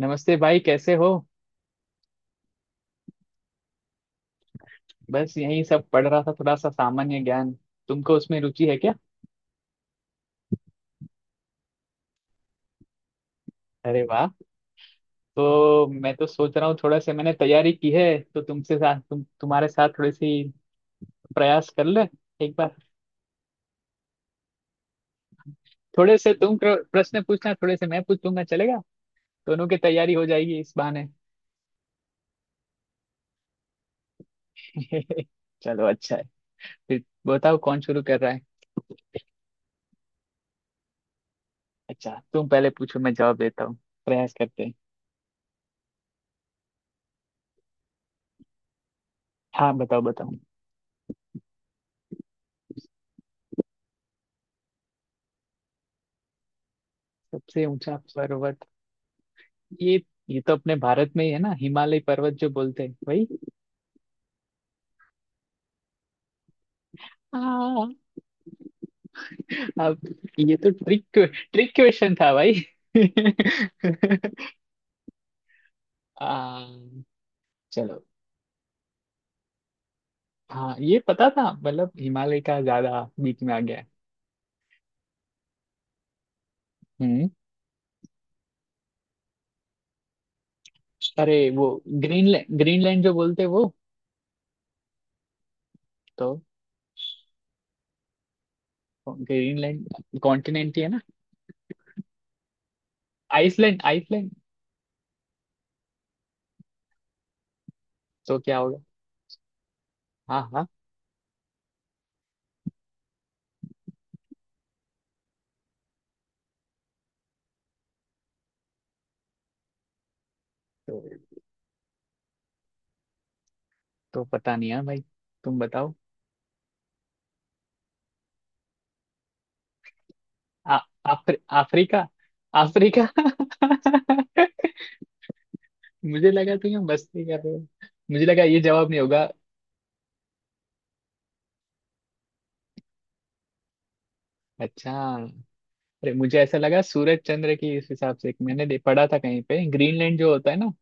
नमस्ते भाई, कैसे हो? बस यही सब पढ़ रहा था, थोड़ा सा सामान्य ज्ञान। तुमको उसमें रुचि है क्या? अरे वाह। तो मैं तो सोच रहा हूँ, थोड़ा सा मैंने तैयारी की है। तो तुमसे साथ तुम्हारे साथ थोड़ी सी प्रयास कर ले, एक बार। थोड़े से तुम प्रश्न पूछना, थोड़े से मैं पूछ लूंगा, चलेगा? दोनों की तैयारी हो जाएगी इस बहाने। चलो, अच्छा है। फिर बताओ, कौन शुरू कर रहा है? अच्छा, तुम पहले पूछो, मैं जवाब देता हूँ। प्रयास करते हैं। हाँ, बताओ बताओ। सबसे ऊंचा पर्वत। ये ये तो अपने भारत में ही है ना, हिमालय पर्वत जो बोलते हैं भाई। हाँ। अब ये तो ट्रिक ट्रिक क्वेश्चन था भाई। आ, चलो। हाँ, ये पता था, मतलब हिमालय का ज्यादा बीच में आ गया है। हम्म। अरे वो, ग्रीनलैंड ग्रीनलैंड जो बोलते हैं वो। तो ग्रीनलैंड कॉन्टिनेंट ही है ना? Iceland Iceland. तो क्या होगा? हाँ हाँ। तो, तो पता नहीं है भाई। तुम बताओ। आ, अफ्रीका। अफ्रीका। मुझे लगा तुम यहाँ मस्ती कर रहे हो। मुझे लगा ये जवाब नहीं होगा। अच्छा। अरे, मुझे ऐसा लगा सूरज चंद्र की इस हिसाब से मैंने पढ़ा था कहीं पे, ग्रीनलैंड जो होता है ना,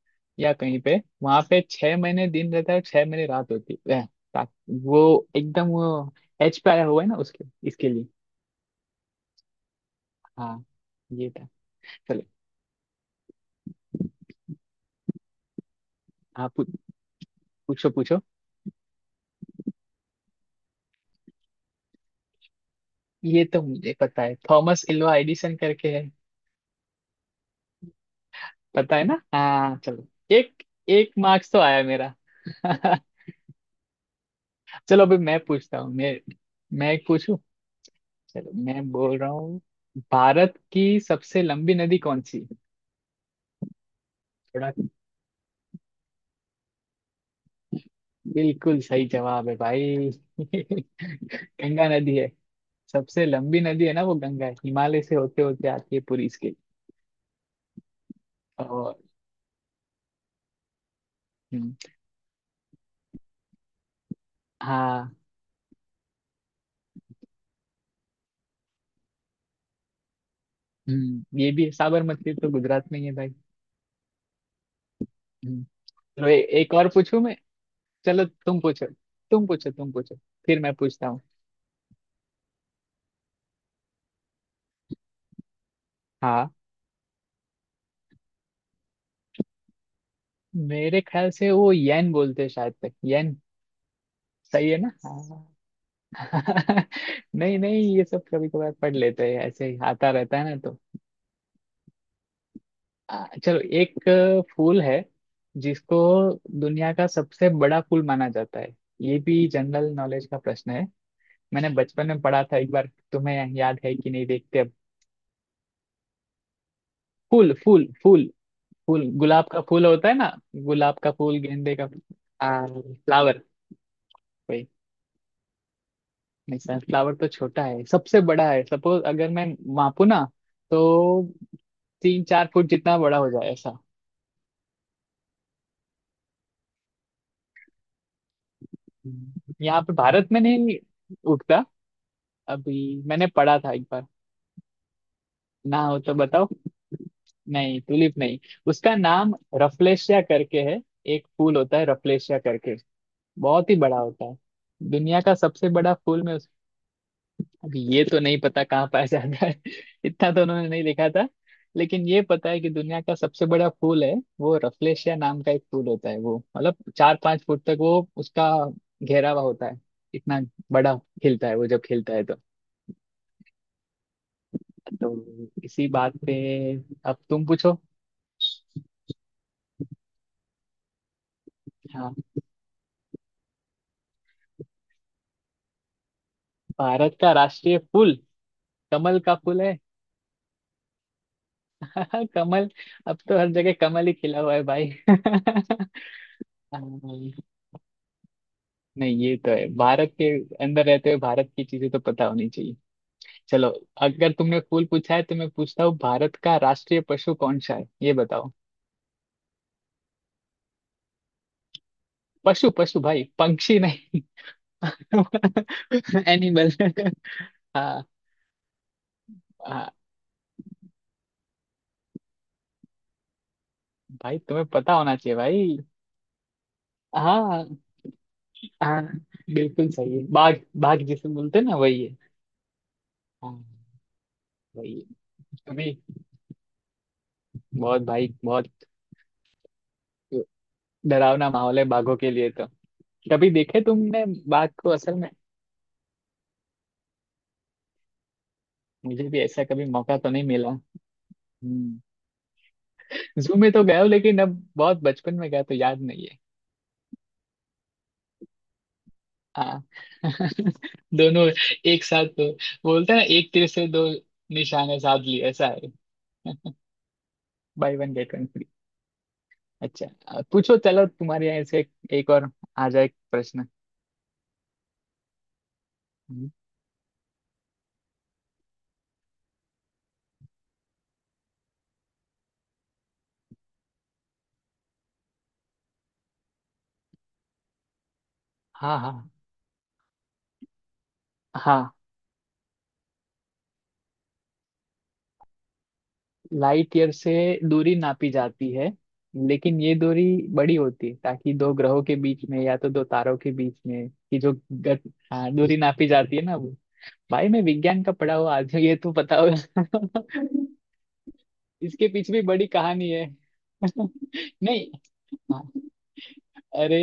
या कहीं पे, वहां पे 6 महीने दिन रहता है और 6 महीने रात होती है। ता- वो एकदम वो एच पे आया हुआ है ना उसके इसके लिए। हाँ, ये था। चलो। आप पूछो पूछो। ये तो मुझे पता है, थॉमस एल्वा एडिसन करके। पता है ना, हाँ, चलो। एक एक मार्क्स तो आया मेरा। चलो, अभी मैं पूछता हूँ मैं। मैं एक पूछूं। चलो, मैं बोल रहा हूँ। भारत की सबसे लंबी नदी कौन सी? थोड़ा। बिल्कुल सही जवाब है भाई। गंगा नदी है। सबसे लंबी नदी है ना, वो गंगा है, हिमालय से होते होते आती है पूरी इसके। और। हम्म, हाँ। ये भी है, साबरमती तो गुजरात में ही है भाई। हम्म। चलो, एक और पूछूं मैं। चलो तुम पूछो, तुम पूछो तुम पूछो, फिर मैं पूछता हूँ। हाँ। मेरे ख्याल से वो येन बोलते हैं, शायद तक येन। सही है ना? हाँ। नहीं नहीं, ये सब कभी कभार पढ़ लेते हैं, ऐसे ही आता रहता है ना तो। चलो, एक फूल है, जिसको दुनिया का सबसे बड़ा फूल माना जाता है। ये भी जनरल नॉलेज का प्रश्न है। मैंने बचपन में पढ़ा था एक बार। तुम्हें याद है कि नहीं, देखते अब। फूल फूल फूल। फूल गुलाब का फूल होता है ना। गुलाब का फूल, गेंदे का फूल। फ्लावर। नहीं, सनफ्लावर तो छोटा है, सबसे बड़ा है, सपोज अगर मैं मापू ना, तो तीन चार फुट जितना बड़ा हो जाए ऐसा। यहाँ पे भारत में नहीं उगता। अभी मैंने पढ़ा था एक बार। ना हो तो बताओ। नहीं, ट्यूलिप नहीं। उसका नाम रफलेशिया करके है। एक फूल होता है रफलेशिया करके। बहुत ही बड़ा होता है। दुनिया का सबसे बड़ा फूल में। अब ये तो नहीं पता कहाँ पाया जाता है। इतना तो उन्होंने नहीं लिखा था। लेकिन ये पता है कि दुनिया का सबसे बड़ा फूल है। वो रफलेशिया नाम का एक फूल होता है, वो मतलब चार पांच फुट तक वो उसका घेरावा होता है, इतना बड़ा। खिलता है वो, जब खिलता है तो। तो इसी बात पे, अब तुम पूछो। हाँ। भारत का राष्ट्रीय फूल, कमल का फूल है। कमल। अब तो हर जगह कमल ही खिला हुआ है भाई। हाँ। नहीं, ये तो है, भारत के अंदर रहते हुए भारत की चीजें तो पता होनी चाहिए। चलो, अगर तुमने फूल पूछा है तो मैं पूछता हूँ, भारत का राष्ट्रीय पशु कौन सा है ये बताओ। पशु पशु भाई, पंक्षी नहीं। एनिमल। हाँ हाँ। भाई तुम्हें पता होना चाहिए भाई। हाँ। हाँ, बिल्कुल सही है, बाघ। बाघ जिसे बोलते हैं ना वही है। हाँ, वही है। कभी। बहुत भाई, बहुत। डरावना माहौल है बाघों के लिए तो। कभी देखे तुमने बाघ को असल में? मुझे भी ऐसा कभी मौका तो नहीं मिला। हम्म। जू में तो गया हूँ, लेकिन अब बहुत बचपन में गया तो याद नहीं है। हाँ। दोनों एक साथ तो बोलते हैं ना, एक तीर से दो निशाने साध लिए ऐसा है। Bye one get one free. अच्छा, पूछो, चलो तुम्हारे यहाँ से एक और आ जाए प्रश्न। हम्म, हाँ हाँ हाँ। लाइट ईयर से दूरी नापी जाती है, लेकिन ये दूरी बड़ी होती है, ताकि दो ग्रहों के बीच में या तो दो तारों के बीच में की जो गत। हाँ, दूरी नापी जाती है ना वो। भाई मैं विज्ञान का पढ़ा हुआ, आज ये तो पता होगा। इसके पीछे भी बड़ी कहानी है। नहीं। हाँ। अरे,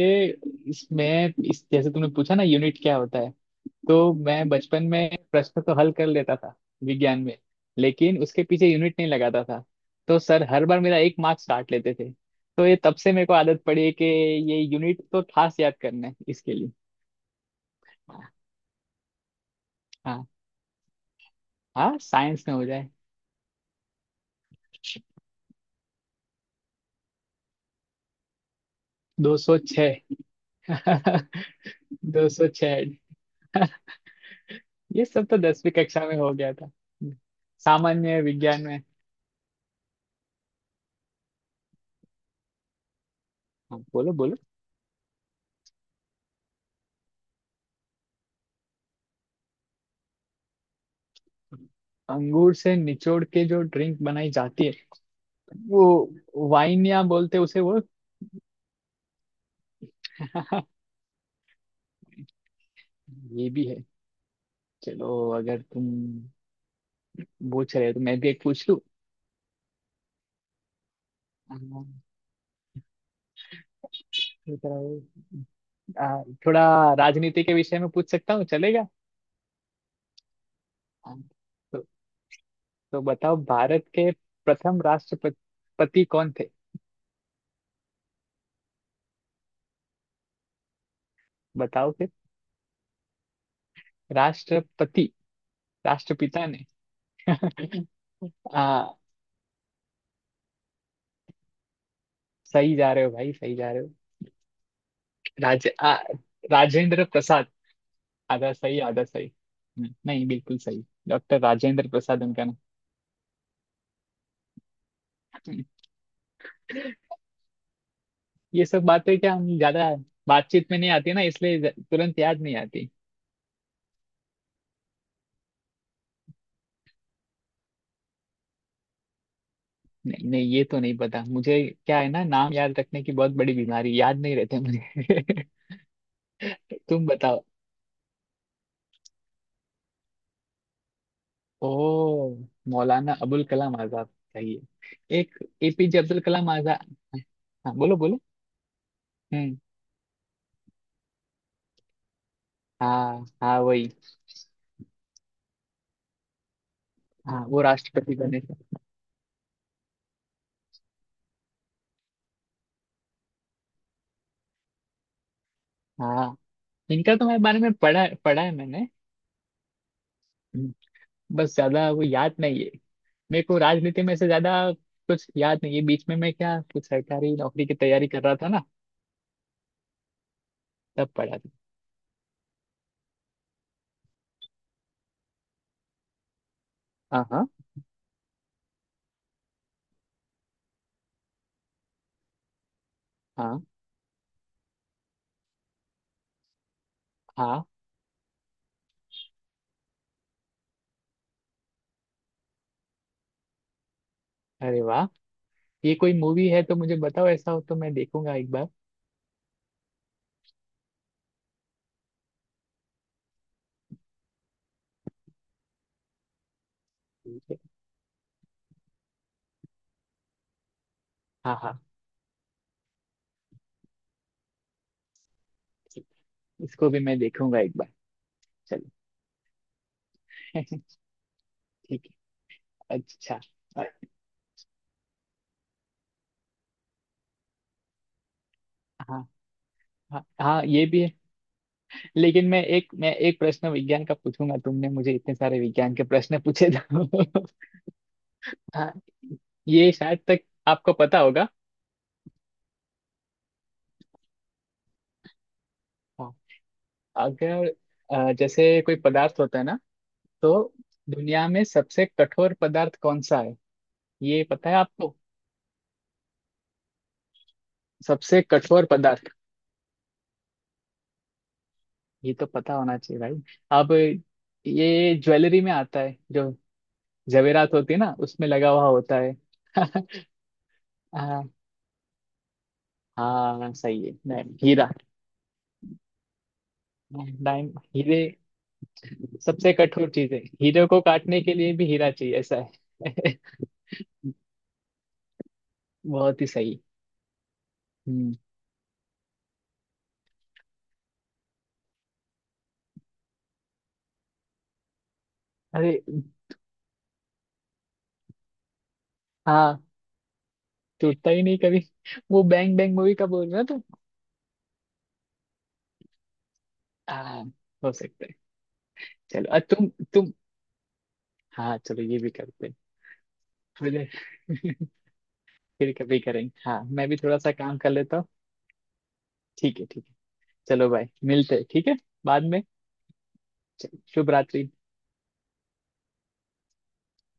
इसमें इस जैसे तुमने पूछा ना, यूनिट क्या होता है। तो मैं बचपन में प्रश्न तो हल कर लेता था, विज्ञान में, लेकिन उसके पीछे यूनिट नहीं लगाता था। तो सर हर बार मेरा एक मार्क्स काट लेते थे। तो ये तब से मेरे को आदत पड़ी है कि ये यूनिट तो खास याद करना है इसके लिए। हाँ। हाँ, साइंस में हो जाए। 206। 206। ये सब तो 10वीं कक्षा में हो गया था, सामान्य विज्ञान में। हाँ, बोलो बोलो। अंगूर से निचोड़ के जो ड्रिंक बनाई जाती है, वो वाइन या बोलते हैं उसे वो। ये भी है। चलो अगर तुम पूछ रहे हो तो मैं भी एक पूछ लूं। अम्म, थोड़ा राजनीति के विषय में पूछ सकता हूँ, चलेगा? तो, तो बताओ, भारत के प्रथम राष्ट्रपति कौन थे? बताओ फिर। राष्ट्रपति, राष्ट्रपिता ने। आ, सही जा रहे हो भाई, सही जा रहे हो। राज आ, राजेंद्र। आधा सही, आधा सही। नहीं, बिल्कुल सही, डॉक्टर राजेंद्र प्रसाद उनका नाम। ये सब बातें क्या, हम ज्यादा बातचीत में नहीं आती ना, इसलिए तुरंत याद नहीं आती। नहीं नहीं, ये तो नहीं पता मुझे। क्या है ना, नाम याद रखने की बहुत बड़ी बीमारी, याद नहीं रहते मुझे। तुम बताओ। ओ, मौलाना अबुल कलाम आजाद। चाहिए। एक एपीजे अब्दुल कलाम आजाद। हाँ, बोलो बोलो। हम्म। हाँ हाँ, वही। हाँ, वो राष्ट्रपति बने थे। हाँ। इनका तो मैं बारे में पढ़ा पढ़ा है मैंने। हम्म, बस ज्यादा वो याद नहीं है। मेरे को राजनीति में से ज्यादा कुछ याद नहीं है, बीच में मैं क्या, कुछ सरकारी नौकरी की तैयारी कर रहा था ना, तब पढ़ा था। हाँ हाँ हाँ हाँ। अरे वाह, ये कोई मूवी है तो मुझे बताओ, ऐसा हो तो मैं देखूंगा एक बार। ठीक है। हाँ हाँ। ठीक। इसको भी मैं देखूंगा एक बार। चलो। ठीक है, अच्छा अ- हाँ हाँ हाँ, ये भी है। लेकिन मैं एक प्रश्न विज्ञान का पूछूंगा, तुमने मुझे इतने सारे विज्ञान के प्रश्न पूछे तो। हाँ, ये शायद तक आपको पता होगा। हाँ, अगर जैसे कोई पदार्थ होता है ना, तो दुनिया में सबसे कठोर पदार्थ कौन सा है, ये पता है आपको? सबसे कठोर पदार्थ। ये तो पता होना चाहिए भाई। अब ये ज्वेलरी में आता है जो जवेरात होती है ना, उसमें लगा हुआ होता है। हाँ। हाँ, सही है, नहीं, हीरा। डायम हीरे सबसे कठोर चीज है, हीरे को काटने के लिए भी हीरा चाहिए ऐसा है। बहुत ही सही। हम्म। अरे, हाँ, टूटता ही नहीं कभी। वो बैंग बैंग मूवी का बोल रहे हो तुम? हाँ, हो सकता है। चलो, तुम। हाँ, चलो, ये भी करते हैं मुझे। फिर कभी करेंगे, हाँ, मैं भी थोड़ा सा काम कर लेता हूँ। ठीक है, ठीक है। चलो भाई, मिलते हैं, ठीक है, बाद में। चलो, शुभ रात्रि।